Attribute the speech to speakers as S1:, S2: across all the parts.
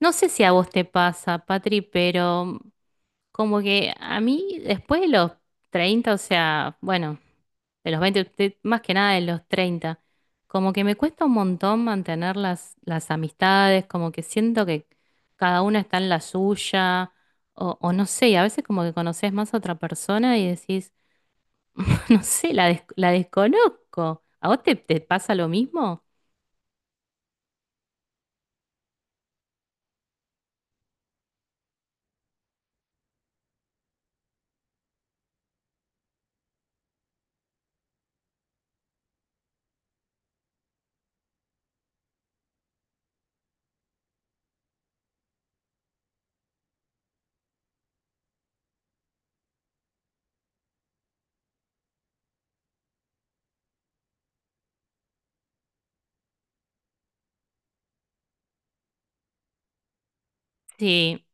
S1: No sé si a vos te pasa, Patri, pero como que a mí después de los 30, o sea, bueno, de los 20, más que nada de los 30, como que me cuesta un montón mantener las amistades, como que siento que cada una está en la suya, o no sé, y a veces como que conoces más a otra persona y decís, no sé, la desconozco. ¿A vos te pasa lo mismo? Sí.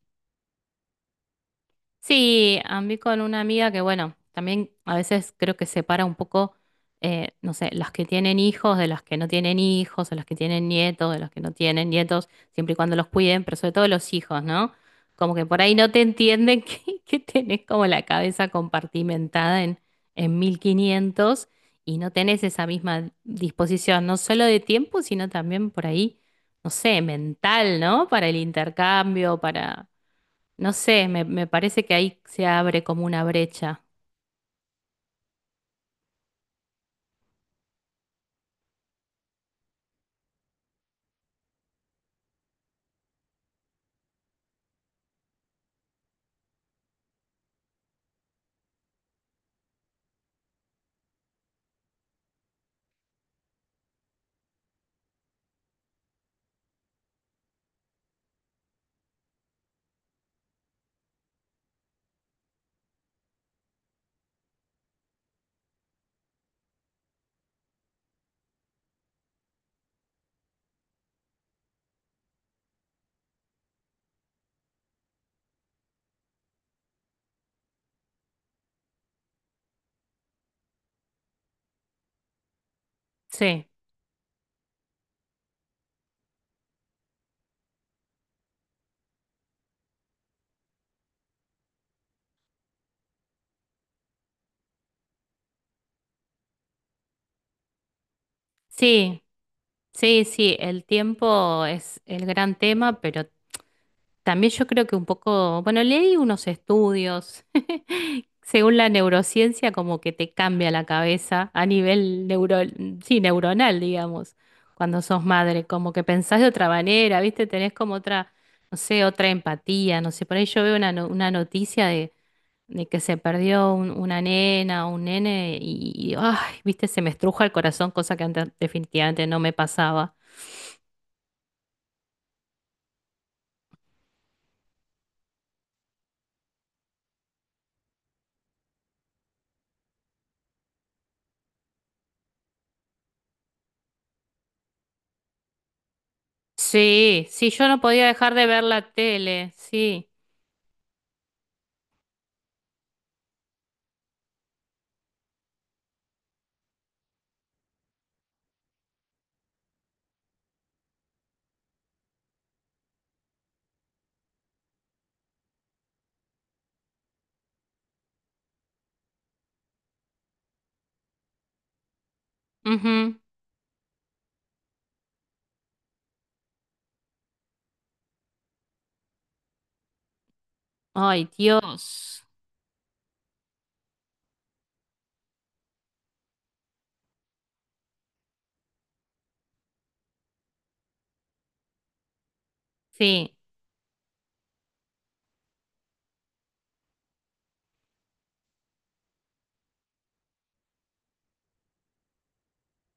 S1: Sí, a mí con una amiga que, bueno, también a veces creo que separa un poco, no sé, las que tienen hijos de las que no tienen hijos, o las que tienen nietos de los que no tienen nietos, siempre y cuando los cuiden, pero sobre todo los hijos, ¿no? Como que por ahí no te entienden que tenés como la cabeza compartimentada en 1.500 y no tenés esa misma disposición, no solo de tiempo, sino también por ahí, no sé, mental, ¿no? Para el intercambio, para no sé, me parece que ahí se abre como una brecha. Sí, sí, sí, sí, el tiempo es el gran tema, pero también yo creo que un poco, bueno, leí unos estudios, según la neurociencia, como que te cambia la cabeza a nivel neuro, sí, neuronal, digamos, cuando sos madre, como que pensás de otra manera, ¿viste? Tenés como otra, no sé, otra empatía, no sé, por ahí yo veo una, no- una noticia de que se perdió una nena o un nene ay, viste, se me estruja el corazón, cosa que antes definitivamente no me pasaba. Sí, sí, yo no podía dejar de ver la tele, sí. Ujú. Ay, Dios. Sí,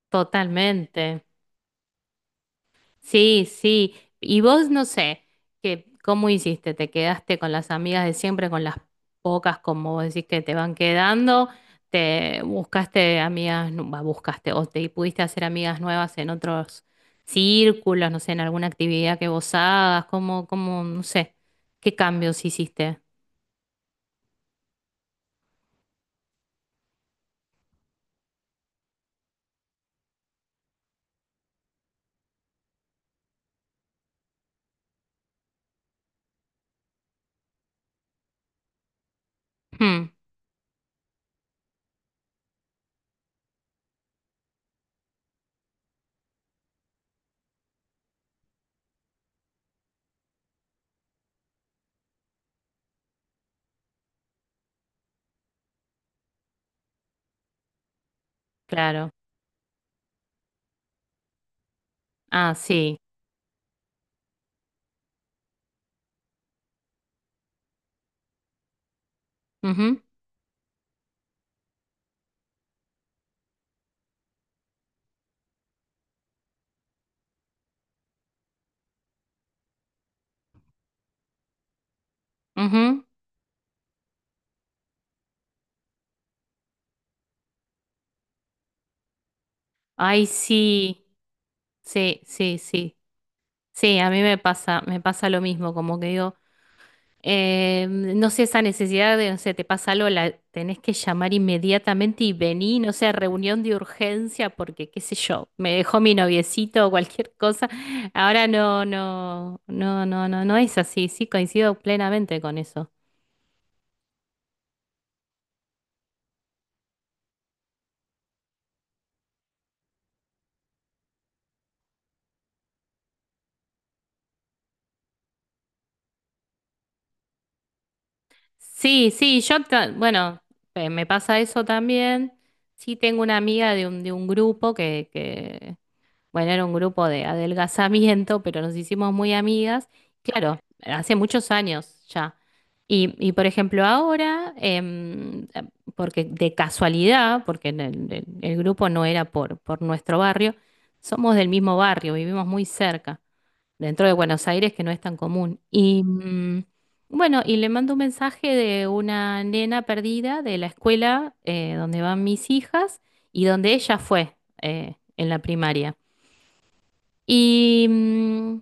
S1: totalmente. Sí, sí. Y vos no sé, que, ¿cómo hiciste? ¿Te quedaste con las amigas de siempre, con las pocas, como vos decís, que te van quedando? ¿Te buscaste buscaste, o te pudiste hacer amigas nuevas en otros círculos, no sé, en alguna actividad que vos hagas? No sé, qué cambios hiciste? Hmm, claro. Ah, sí. Ujú, ujú. Ay, sí. Sí, sí, sí. Sí, a mí me pasa lo mismo, como que digo. No sé, esa necesidad de, no sé, te pasa algo, la tenés que llamar inmediatamente y vení no sé, reunión de urgencia, porque qué sé yo, me dejó mi noviecito o cualquier cosa. Ahora no, no, no, no, no, no es así, sí, coincido plenamente con eso. Sí, sí, bueno, me pasa eso también. Sí, tengo una amiga de un grupo que bueno, era un grupo de adelgazamiento, pero nos hicimos muy amigas. Claro, hace muchos años ya. Y, por ejemplo, ahora, porque de casualidad, porque en el grupo no era por nuestro barrio, somos del mismo barrio, vivimos muy cerca, dentro de Buenos Aires, que no es tan común. Y bueno, y le mando un mensaje de una nena perdida de la escuela donde van mis hijas y donde ella fue en la primaria. Y,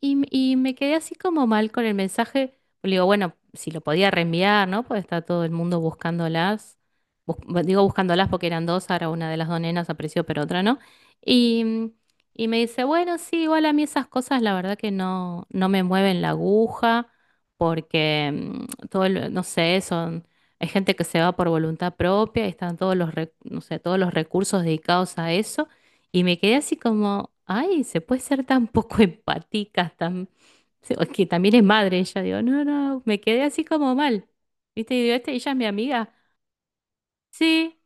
S1: me quedé así como mal con el mensaje. Le digo, bueno, si lo podía reenviar, ¿no? Porque está todo el mundo buscándolas. Digo buscándolas porque eran dos, ahora una de las dos nenas apareció, pero otra no. Y, y me dice, bueno, sí, igual a mí esas cosas la verdad que no, no me mueven la aguja, porque no sé, son, hay gente que se va por voluntad propia y están todos no sé, todos los recursos dedicados a eso. Y me quedé así como, ay, se puede ser tan poco empática, tan... o que también es madre ella, digo, no, no, me quedé así como mal. ¿Viste? Y digo, este, ella es mi amiga. Sí,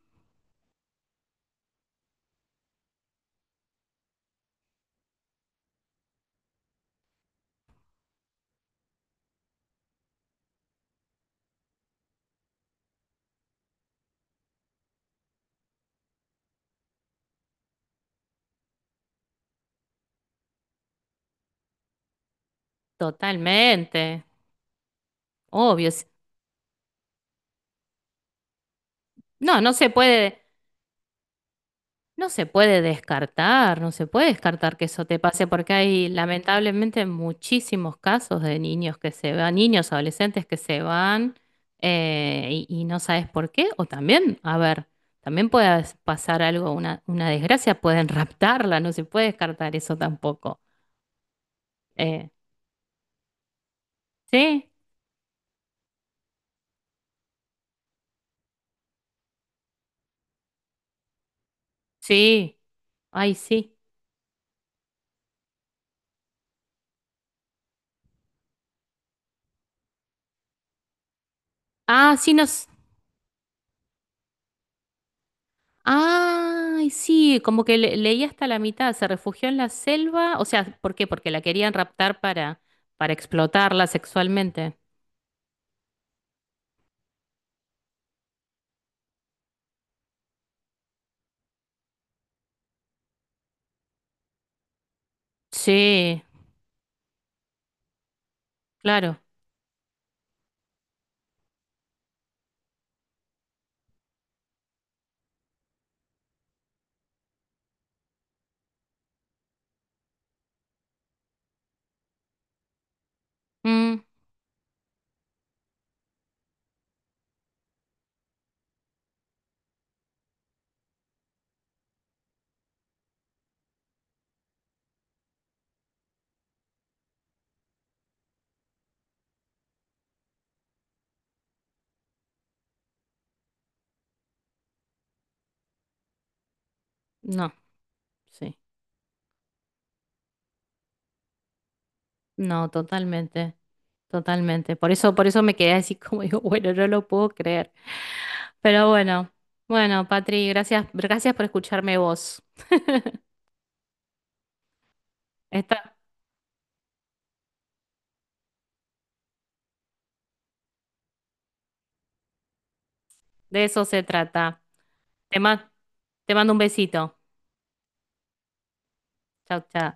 S1: totalmente, obvio. Sí. No, no se puede, no se puede descartar, no se puede descartar que eso te pase, porque hay lamentablemente muchísimos casos de niños que se van, niños, adolescentes que se van y no sabes por qué, o también, a ver, también puede pasar algo, una desgracia, pueden raptarla, no se puede descartar eso tampoco. Eh, sí, sí, ay, sí. Ah, sí, nos. Ay, sí, como que leí hasta la mitad, se refugió en la selva, o sea, ¿por qué? Porque la querían raptar para explotarla sexualmente. Sí, claro. Mm, no, sí, no, totalmente, totalmente. Por eso me quedé así como digo, bueno, no lo puedo creer. Pero bueno, bueno, Patri, gracias, gracias por escucharme vos. Esta- de eso se trata. Te ma- te mando un besito. Chau, chau.